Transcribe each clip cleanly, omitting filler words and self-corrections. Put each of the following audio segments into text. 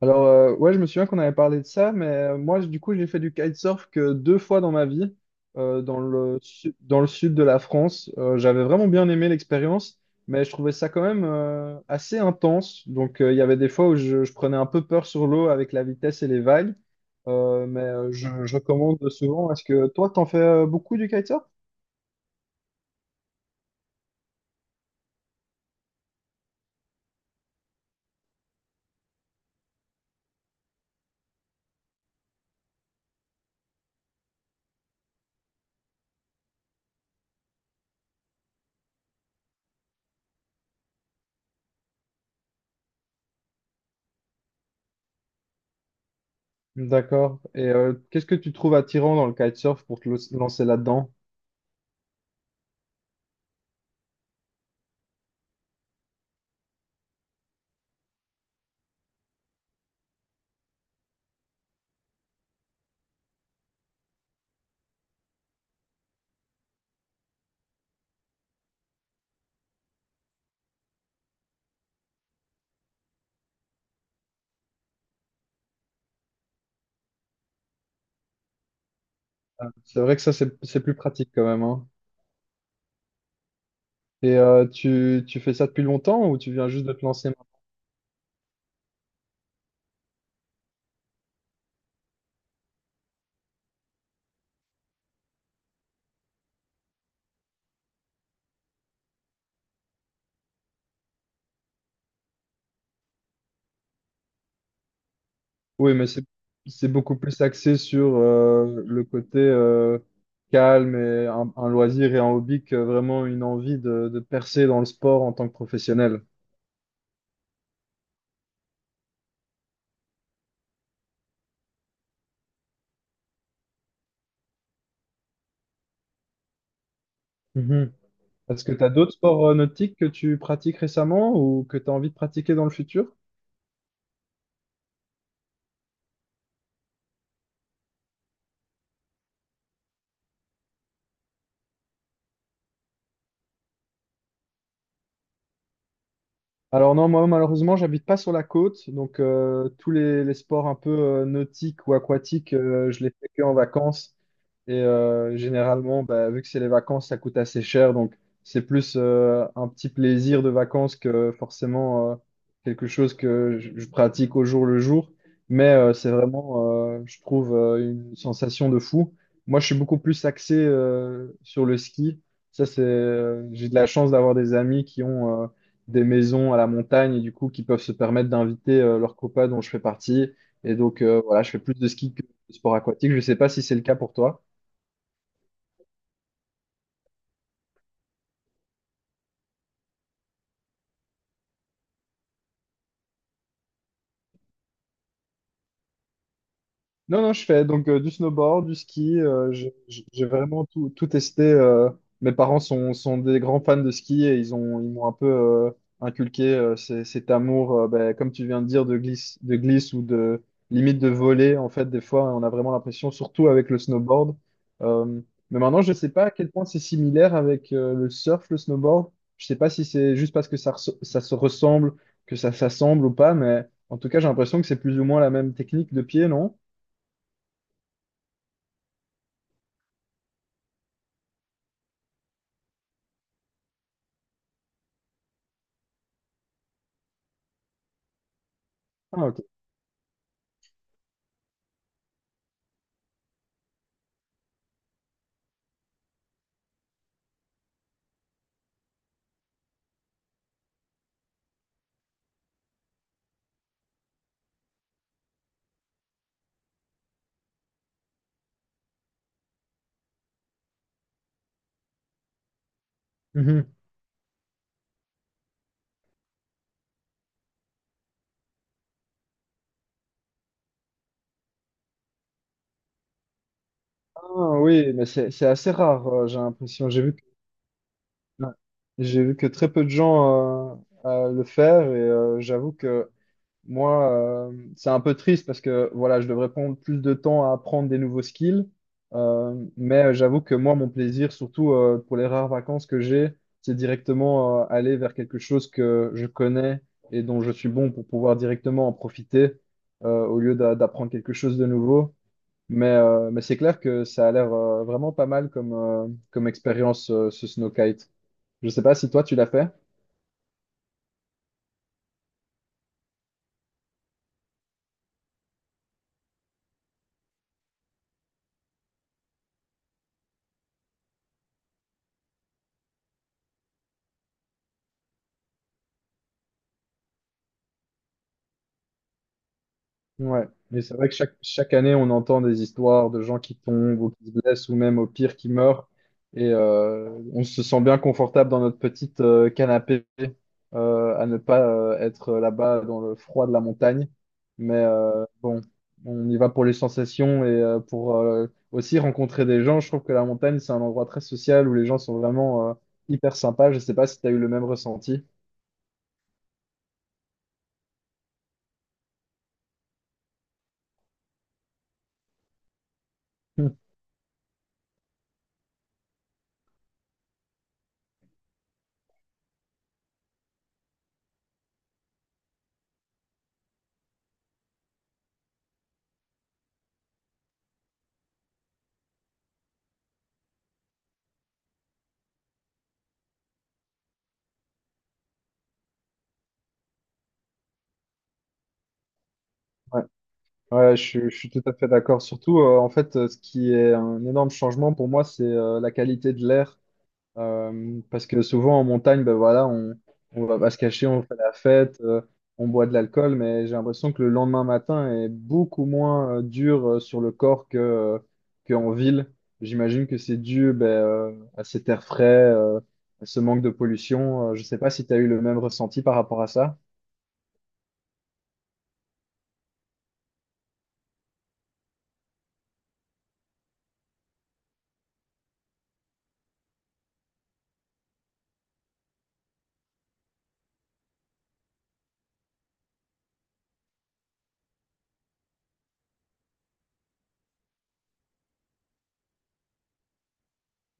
Alors, je me souviens qu'on avait parlé de ça, mais moi, du coup, j'ai fait du kitesurf que deux fois dans ma vie, dans dans le sud de la France. J'avais vraiment bien aimé l'expérience, mais je trouvais ça quand même assez intense. Donc, il y avait des fois où je prenais un peu peur sur l'eau avec la vitesse et les vagues. Je recommande souvent. Est-ce que toi, t'en fais beaucoup du kitesurf? D'accord. Et qu'est-ce que tu trouves attirant dans le kitesurf pour te lancer là-dedans? C'est vrai que ça, c'est plus pratique quand même, hein. Et tu fais ça depuis longtemps ou tu viens juste de te lancer maintenant? Oui, mais c'est beaucoup plus axé sur le côté calme et un loisir et un hobby que vraiment une envie de percer dans le sport en tant que professionnel. Mhm. Est-ce que tu as d'autres sports nautiques que tu pratiques récemment ou que tu as envie de pratiquer dans le futur? Alors non, moi malheureusement, j'habite pas sur la côte, donc tous les sports un peu nautiques ou aquatiques, je les fais que en vacances. Et généralement, bah, vu que c'est les vacances, ça coûte assez cher. Donc, c'est plus un petit plaisir de vacances que forcément quelque chose que je pratique au jour le jour. Mais je trouve, une sensation de fou. Moi, je suis beaucoup plus axé sur le ski. Ça, j'ai de la chance d'avoir des amis qui ont des maisons à la montagne et du coup, qui peuvent se permettre d'inviter leurs copains dont je fais partie. Et donc, voilà, je fais plus de ski le sport aquatique. Je ne sais pas si c'est le cas pour toi. Non, non, je fais donc du snowboard, du ski. J'ai vraiment tout, tout testé. Mes parents sont des grands fans de ski et ils ils m'ont un peu inculqué cet amour, ben, comme tu viens de dire, de glisse ou de limite de voler. En fait, des fois, on a vraiment l'impression, surtout avec le snowboard. Euh, mais maintenant, je ne sais pas à quel point c'est similaire avec le surf, le snowboard. Je ne sais pas si c'est juste parce que ça se ressemble, que ça s'assemble ou pas, mais en tout cas, j'ai l'impression que c'est plus ou moins la même technique de pied, non? Ah, ok. Mhm. Ah, oui, mais c'est assez rare, j'ai l'impression. Ouais. J'ai vu que très peu de gens le faire et j'avoue que moi, c'est un peu triste parce que voilà, je devrais prendre plus de temps à apprendre des nouveaux skills. Mais j'avoue que moi, mon plaisir, surtout pour les rares vacances que j'ai, c'est directement aller vers quelque chose que je connais et dont je suis bon pour pouvoir directement en profiter d'apprendre quelque chose de nouveau. Mais c'est clair que ça a l'air vraiment pas mal comme, comme expérience, ce snowkite. Je sais pas si toi, tu l'as fait. Ouais, mais c'est vrai que chaque année, on entend des histoires de gens qui tombent ou qui se blessent ou même au pire qui meurent. Et on se sent bien confortable dans notre petite canapé à ne pas être là-bas dans le froid de la montagne. Mais bon, on y va pour les sensations et pour aussi rencontrer des gens. Je trouve que la montagne, c'est un endroit très social où les gens sont vraiment hyper sympas. Je sais pas si tu as eu le même ressenti. Je suis tout à fait d'accord. Surtout, ce qui est un énorme changement pour moi, c'est la qualité de l'air. Parce que souvent en montagne, ben voilà, on va pas se cacher, on fait la fête, on boit de l'alcool, mais j'ai l'impression que le lendemain matin est beaucoup moins dur sur le corps qu'en ville. J'imagine que c'est dû ben, à cet air frais, à ce manque de pollution. Je sais pas si tu as eu le même ressenti par rapport à ça.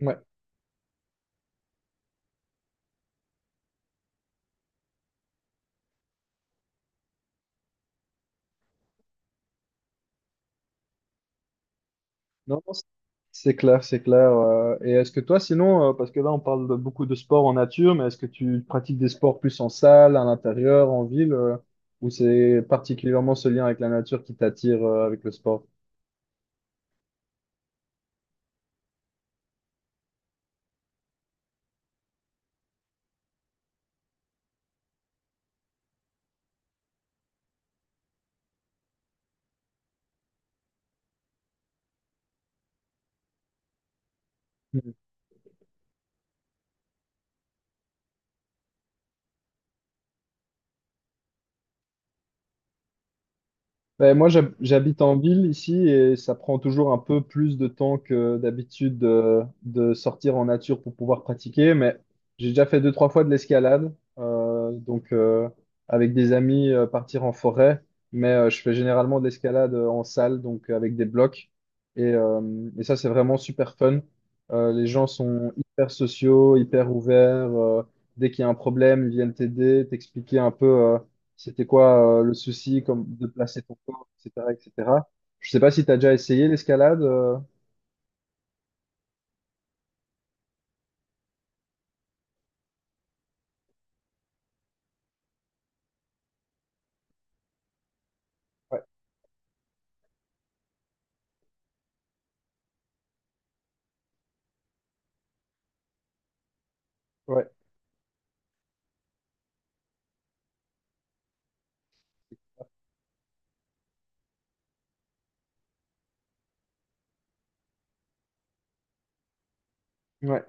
Ouais. Non, non, c'est clair, c'est clair. Et est-ce que toi, sinon, parce que là, on parle de beaucoup de sports en nature, mais est-ce que tu pratiques des sports plus en salle, à l'intérieur, en ville, ou c'est particulièrement ce lien avec la nature qui t'attire, avec le sport? Ben, moi, j'habite en ville ici et ça prend toujours un peu plus de temps que d'habitude de sortir en nature pour pouvoir pratiquer, mais j'ai déjà fait deux, trois fois de l'escalade, avec des amis partir en forêt, mais je fais généralement de l'escalade en salle, donc avec des blocs, et, euh, et ça, c'est vraiment super fun. Les gens sont hyper sociaux, hyper ouverts, dès qu'il y a un problème, ils viennent t'aider, t'expliquer un peu. C'était quoi le souci comme de placer ton corps, etc., etc. Je sais pas si tu as déjà essayé l'escalade. Ouais, ouais, ouais.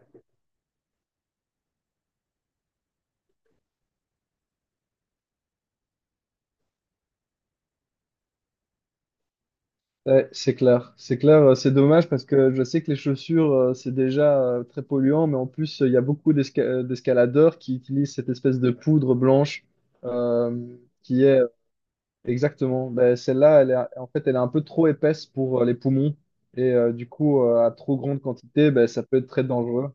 Ouais, c'est clair. C'est clair, c'est dommage parce que je sais que les chaussures, c'est déjà très polluant, mais en plus, il y a beaucoup d'escaladeurs qui utilisent cette espèce de poudre blanche qui est Exactement. Ben, celle-là, en fait, elle est un peu trop épaisse pour les poumons. Et du coup, à trop grande quantité, ben, ça peut être très dangereux.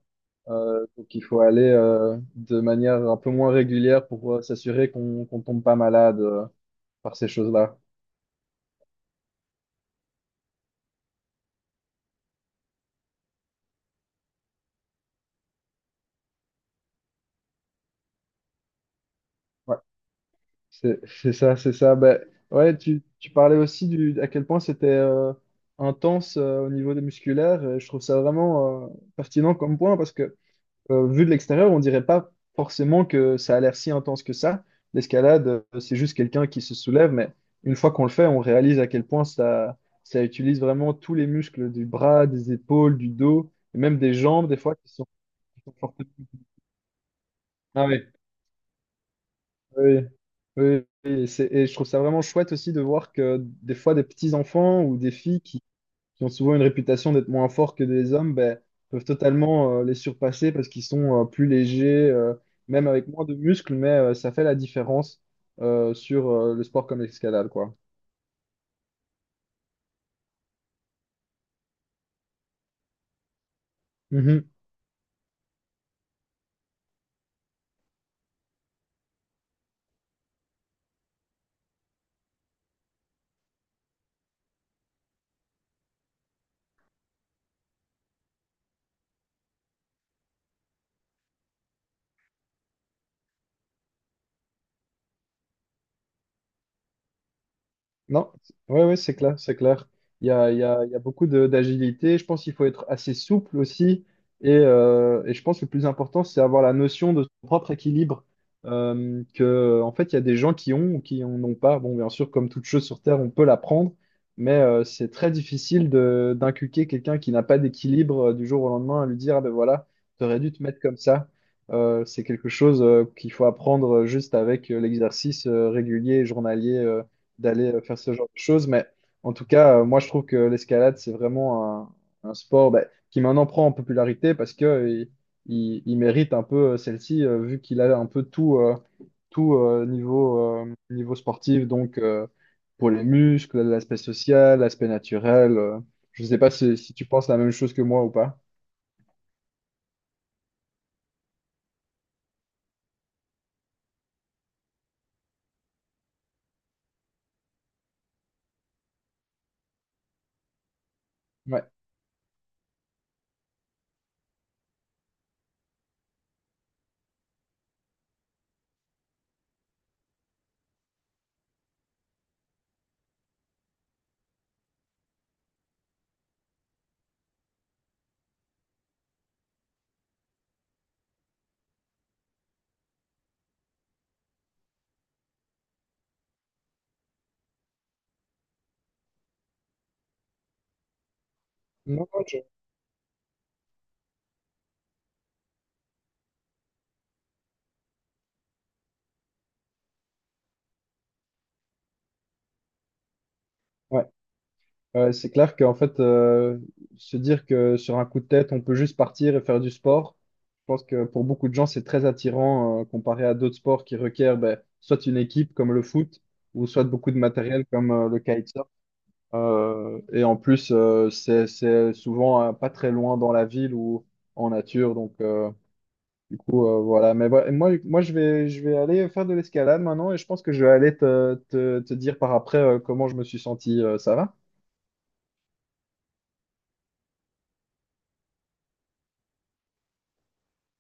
Donc, il faut aller de manière un peu moins régulière pour s'assurer qu'on tombe pas malade par ces choses-là. Ouais. C'est ça, c'est ça. Ben, ouais, tu parlais aussi du, à quel point c'était intense au niveau des musculaires. Et je trouve ça vraiment pertinent comme point parce que vu de l'extérieur, on dirait pas forcément que ça a l'air si intense que ça. L'escalade, c'est juste quelqu'un qui se soulève, mais une fois qu'on le fait, on réalise à quel point ça utilise vraiment tous les muscles du bras, des épaules, du dos, et même des jambes, des fois qui sont fortement. Ah ouais. Oui, oui, oui, et je trouve ça vraiment chouette aussi de voir que des fois des petits enfants ou des filles qui ont souvent une réputation d'être moins forts que des hommes, ben, peuvent totalement les surpasser parce qu'ils sont plus légers, même avec moins de muscles, mais ça fait la différence sur le sport comme l'escalade, quoi. Non, ouais, ouais, c'est clair, c'est clair. Il y a beaucoup d'agilité. Je pense qu'il faut être assez souple aussi. Et je pense que le plus important, c'est avoir la notion de son propre équilibre. En fait, il y a des gens qui ont ou qui en ont pas. Bon, bien sûr, comme toute chose sur Terre, on peut l'apprendre, mais c'est très difficile de d'inculquer quelqu'un qui n'a pas d'équilibre du jour au lendemain à lui dire, ah ben voilà, tu aurais dû te mettre comme ça. C'est quelque chose qu'il faut apprendre juste avec l'exercice régulier, et journalier d'aller faire ce genre de choses. Mais en tout cas, moi, je trouve que l'escalade, c'est vraiment un sport bah, qui maintenant prend en popularité parce que il mérite un peu celle-ci, vu qu'il a un peu tout, niveau sportif. Donc, pour les muscles, l'aspect social, l'aspect naturel. Je ne sais pas si tu penses la même chose que moi ou pas. Ouais. Non, non, ouais. Ouais, c'est clair qu'en fait, se dire que sur un coup de tête, on peut juste partir et faire du sport, je pense que pour beaucoup de gens, c'est très attirant, comparé à d'autres sports qui requièrent ben, soit une équipe comme le foot, ou soit beaucoup de matériel comme le kitesurf. Et en plus, c'est souvent pas très loin dans la ville ou en nature. Donc, voilà. Mais voilà, je vais aller faire de l'escalade maintenant et je pense que je vais aller te dire par après comment je me suis senti. Ça va?